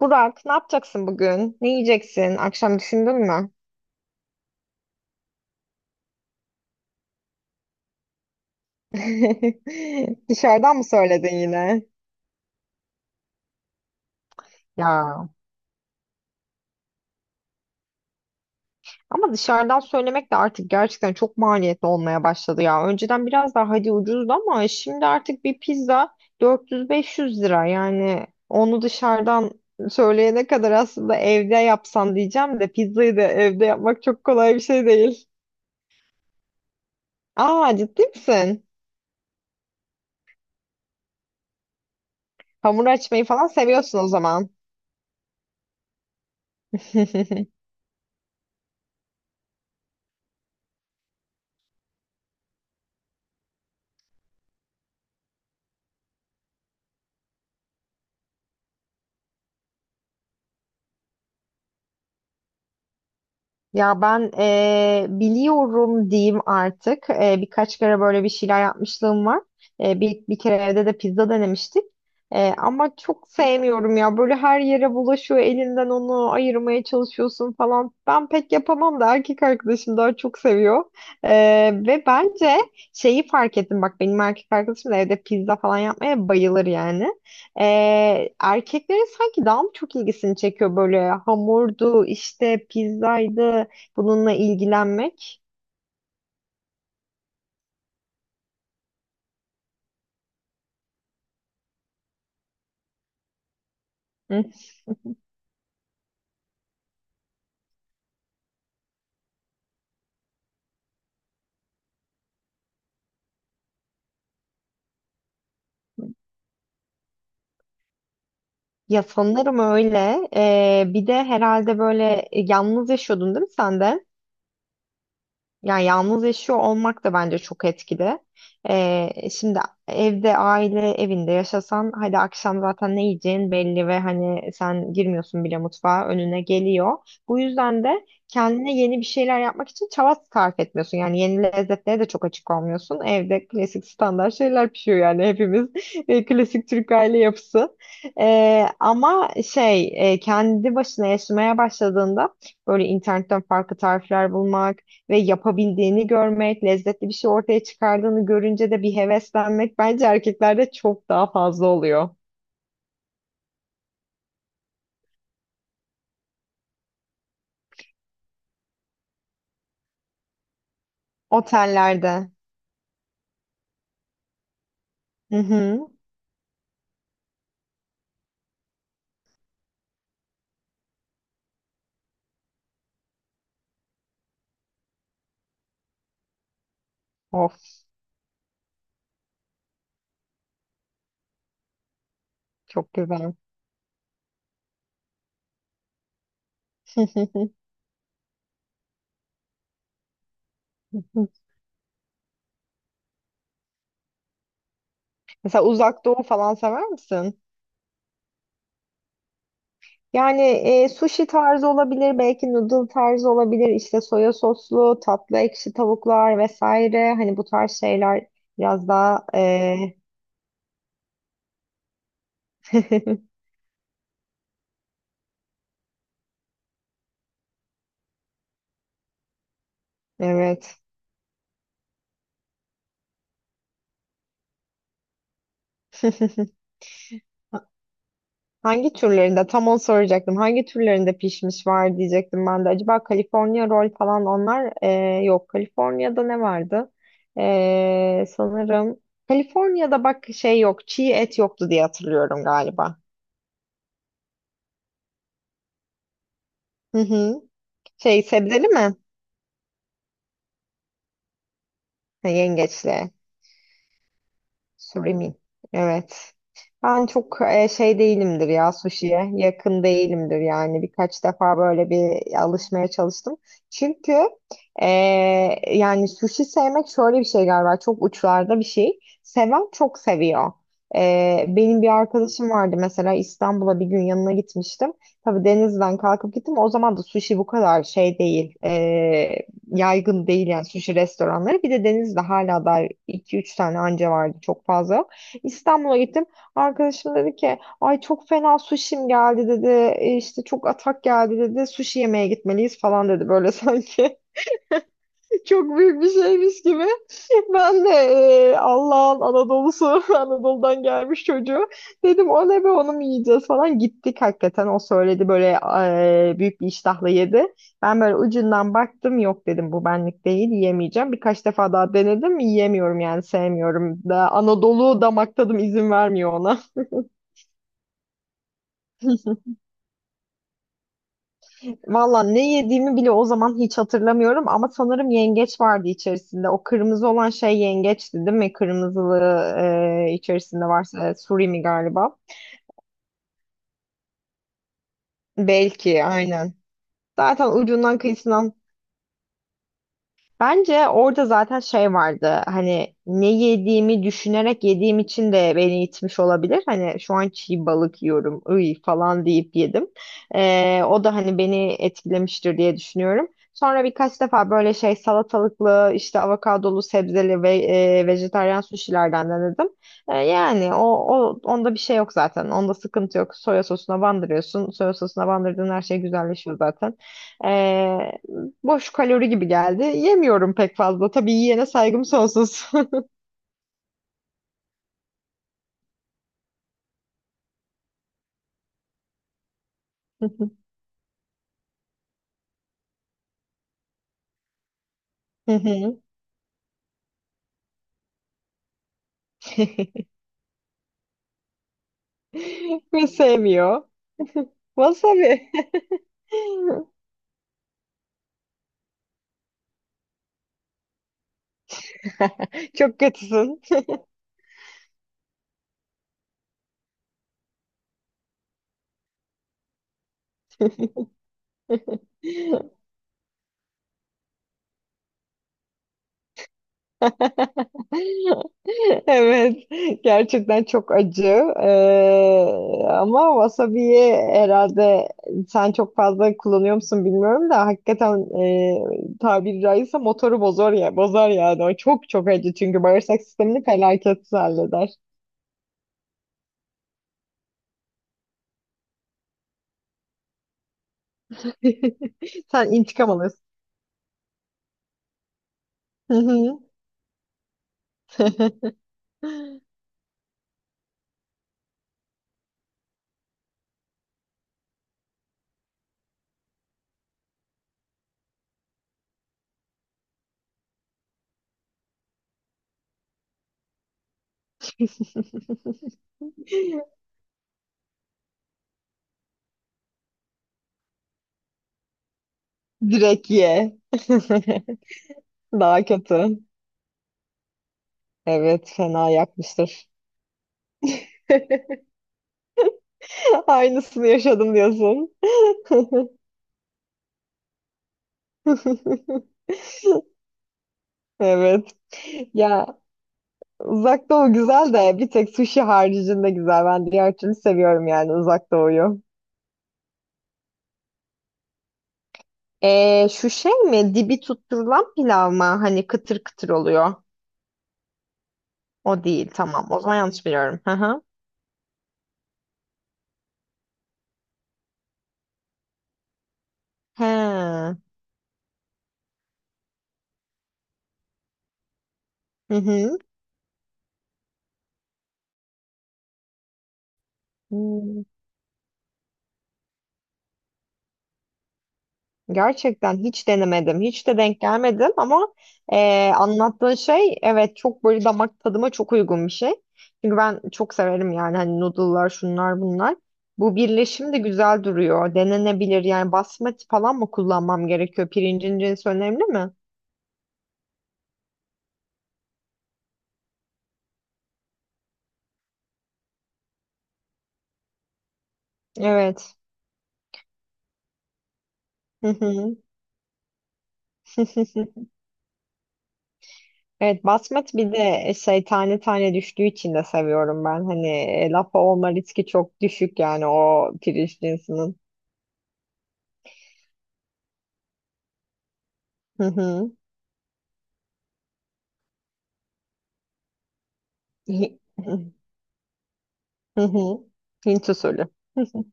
Burak, ne yapacaksın bugün? Ne yiyeceksin? Akşam düşündün mü? Dışarıdan mı söyledin yine? Ya. Ama dışarıdan söylemek de artık gerçekten çok maliyetli olmaya başladı ya. Önceden biraz daha hadi ucuzdu ama şimdi artık bir pizza 400-500 lira. Yani onu dışarıdan söyleyene kadar aslında evde yapsan diyeceğim de pizzayı da evde yapmak çok kolay bir şey değil. Aa ciddi misin? Hamur açmayı falan seviyorsun o zaman. Ya ben biliyorum diyeyim artık. Birkaç kere böyle bir şeyler yapmışlığım var. Bir kere evde de pizza denemiştik. Ama çok sevmiyorum ya. Böyle her yere bulaşıyor. Elinden onu ayırmaya çalışıyorsun falan. Ben pek yapamam da erkek arkadaşım daha çok seviyor. Ve bence şeyi fark ettim. Bak benim erkek arkadaşım da evde pizza falan yapmaya bayılır yani. Erkeklerin sanki daha mı çok ilgisini çekiyor böyle hamurdu işte pizzaydı bununla ilgilenmek. Hı. Ya sanırım öyle. Bir de herhalde böyle yalnız yaşıyordun değil mi sen de? Yani yalnız yaşıyor olmak da bence çok etkili. Şimdi evde aile evinde yaşasan hadi akşam zaten ne yiyeceğin belli ve hani sen girmiyorsun bile mutfağa önüne geliyor. Bu yüzden de kendine yeni bir şeyler yapmak için çaba sarf etmiyorsun. Yani yeni lezzetlere de çok açık olmuyorsun. Evde klasik standart şeyler pişiyor yani hepimiz. Klasik Türk aile yapısı. Ama şey kendi başına yaşamaya başladığında böyle internetten farklı tarifler bulmak ve yapabildiğini görmek, lezzetli bir şey ortaya çıkardığını görünce de bir heveslenmek bence erkeklerde çok daha fazla oluyor. Otellerde. Hı hı. Of, çok güzel. Mesela Uzak Doğu falan sever misin? Yani sushi tarzı olabilir, belki noodle tarzı olabilir, işte soya soslu, tatlı ekşi tavuklar vesaire. Hani bu tarz şeyler biraz daha evet. Hangi türlerinde? Tam onu soracaktım. Hangi türlerinde pişmiş var diyecektim ben de. Acaba California roll falan onlar yok. California'da ne vardı? Sanırım California'da bak şey yok. Çiğ et yoktu diye hatırlıyorum galiba. Hı hı. Şey sebzeli mi? Ha, yengeçli. Surimi. Evet. Ben çok şey değilimdir ya sushi'ye. Yakın değilimdir yani. Birkaç defa böyle bir alışmaya çalıştım. Çünkü e, yani sushi sevmek şöyle bir şey galiba. Çok uçlarda bir şey. Seven çok seviyor. Benim bir arkadaşım vardı mesela İstanbul'a bir gün yanına gitmiştim. Tabii denizden kalkıp gittim. O zaman da sushi bu kadar şey değil. Yaygın değil yani sushi restoranları. Bir de Denizli'de hala da iki üç tane anca vardı çok fazla yok. İstanbul'a gittim. Arkadaşım dedi ki ay çok fena sushi'm geldi dedi. İşte çok atak geldi dedi. Sushi yemeye gitmeliyiz falan dedi böyle sanki. Çok büyük bir şeymiş gibi. Ben de Allah'ın Anadolu'su, Anadolu'dan gelmiş çocuğu. Dedim o ne be onu mu yiyeceğiz falan. Gittik hakikaten o söyledi böyle büyük bir iştahla yedi. Ben böyle ucundan baktım yok dedim bu benlik değil yiyemeyeceğim. Birkaç defa daha denedim yiyemiyorum yani sevmiyorum. Da, Anadolu damak tadım izin vermiyor ona. Valla ne yediğimi bile o zaman hiç hatırlamıyorum ama sanırım yengeç vardı içerisinde. O kırmızı olan şey yengeçti değil mi? Kırmızılı içerisinde varsa surimi galiba. Belki aynen. Zaten ucundan kıyısından bence orada zaten şey vardı hani ne yediğimi düşünerek yediğim için de beni itmiş olabilir. Hani şu an çiğ balık yiyorum ıy falan deyip yedim. O da hani beni etkilemiştir diye düşünüyorum. Sonra birkaç defa böyle şey salatalıklı işte avokadolu sebzeli ve vejetaryen suşilerden denedim. Yani o onda bir şey yok zaten. Onda sıkıntı yok. Soya sosuna bandırıyorsun. Soya sosuna bandırdığın her şey güzelleşiyor zaten. Ee, Boş kalori gibi geldi. Yemiyorum pek fazla. Tabii yiyene saygım sonsuz. Ve sevmiyor. Wasabi. Çok kötüsün. Evet. Gerçekten çok acı. Ee, Ama wasabi'yi herhalde sen çok fazla kullanıyor musun bilmiyorum da hakikaten tabiri caizse motoru bozar ya, bozar yani. O çok çok acı çünkü bağırsak sistemini felaket halleder. Sen intikam alıyorsun. Hı hı. Direkt ye. Daha kötü. Evet, fena yakmıştır. Aynısını yaşadım diyorsun. Evet. Ya uzak doğu güzel de bir tek sushi haricinde güzel. Ben diğer türlü seviyorum yani uzak doğuyu. Şu şey mi? Dibi tutturulan pilav mı? Hani kıtır kıtır oluyor. O değil. Tamam. O zaman yanlış biliyorum. Hı hı. He. Hı hı. Hmm, gerçekten hiç denemedim. Hiç de denk gelmedim ama anlattığın şey evet çok böyle damak tadıma çok uygun bir şey. Çünkü ben çok severim yani hani noodle'lar şunlar bunlar. Bu birleşim de güzel duruyor. Denenebilir yani basmati falan mı kullanmam gerekiyor? Pirincin cinsi önemli mi? Evet. Hı hı. Evet basmati bir de şey tane tane düştüğü için de seviyorum ben. Hani lapa olma riski çok düşük yani o pirinç cinsinin. Hı hı. Hi- Hı hı. Hint usulü. Hı hı.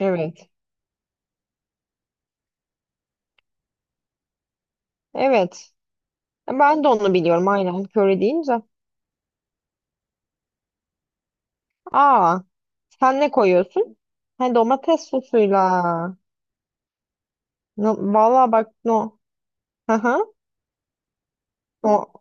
Evet. Evet. Ben de onu biliyorum aynen. Köri deyince. Aa, sen ne koyuyorsun? Ha, domates sosuyla. No, valla bak no. Hı hı. O.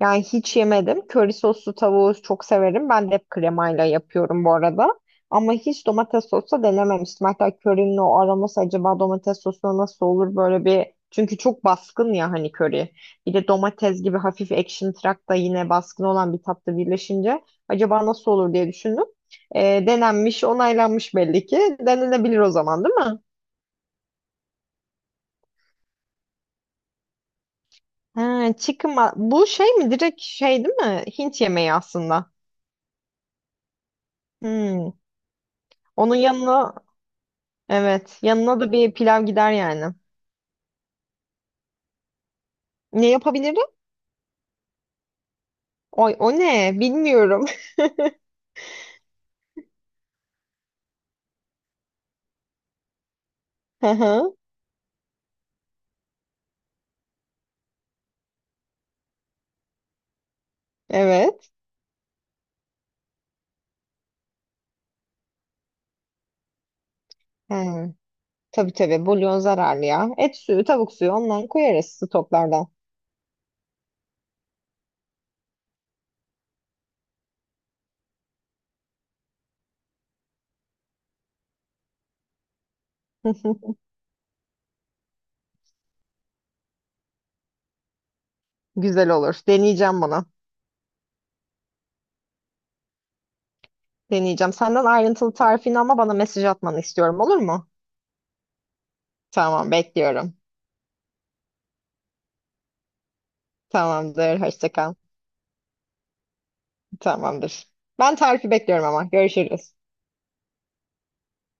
Yani hiç yemedim. Köri soslu tavuğu çok severim. Ben de hep kremayla yapıyorum bu arada. Ama hiç domates sosu denememiştim. Hatta körinin o aroması acaba domates sosuna nasıl olur böyle bir... Çünkü çok baskın ya hani köri. Bir de domates gibi hafif ekşimtırak da yine baskın olan bir tatlı birleşince acaba nasıl olur diye düşündüm. Denenmiş, onaylanmış belli ki. Denenebilir o zaman değil mi? Ha, chicken bu şey mi? Direkt şey değil mi? Hint yemeği aslında. Hmm. Onun yanına evet. Yanına da bir pilav gider yani. Ne yapabilirim? Oy, o ne? Bilmiyorum. Hı hı, evet. Hı. Tabii tabii. Bulyon zararlı ya. Et suyu, tavuk suyu ondan koyarız stoklardan. Güzel olur. Deneyeceğim bunu. Deneyeceğim. Senden ayrıntılı tarifini ama bana mesaj atmanı istiyorum olur mu? Tamam bekliyorum. Tamamdır. Hoşça kal. Tamamdır. Ben tarifi bekliyorum ama. Görüşürüz.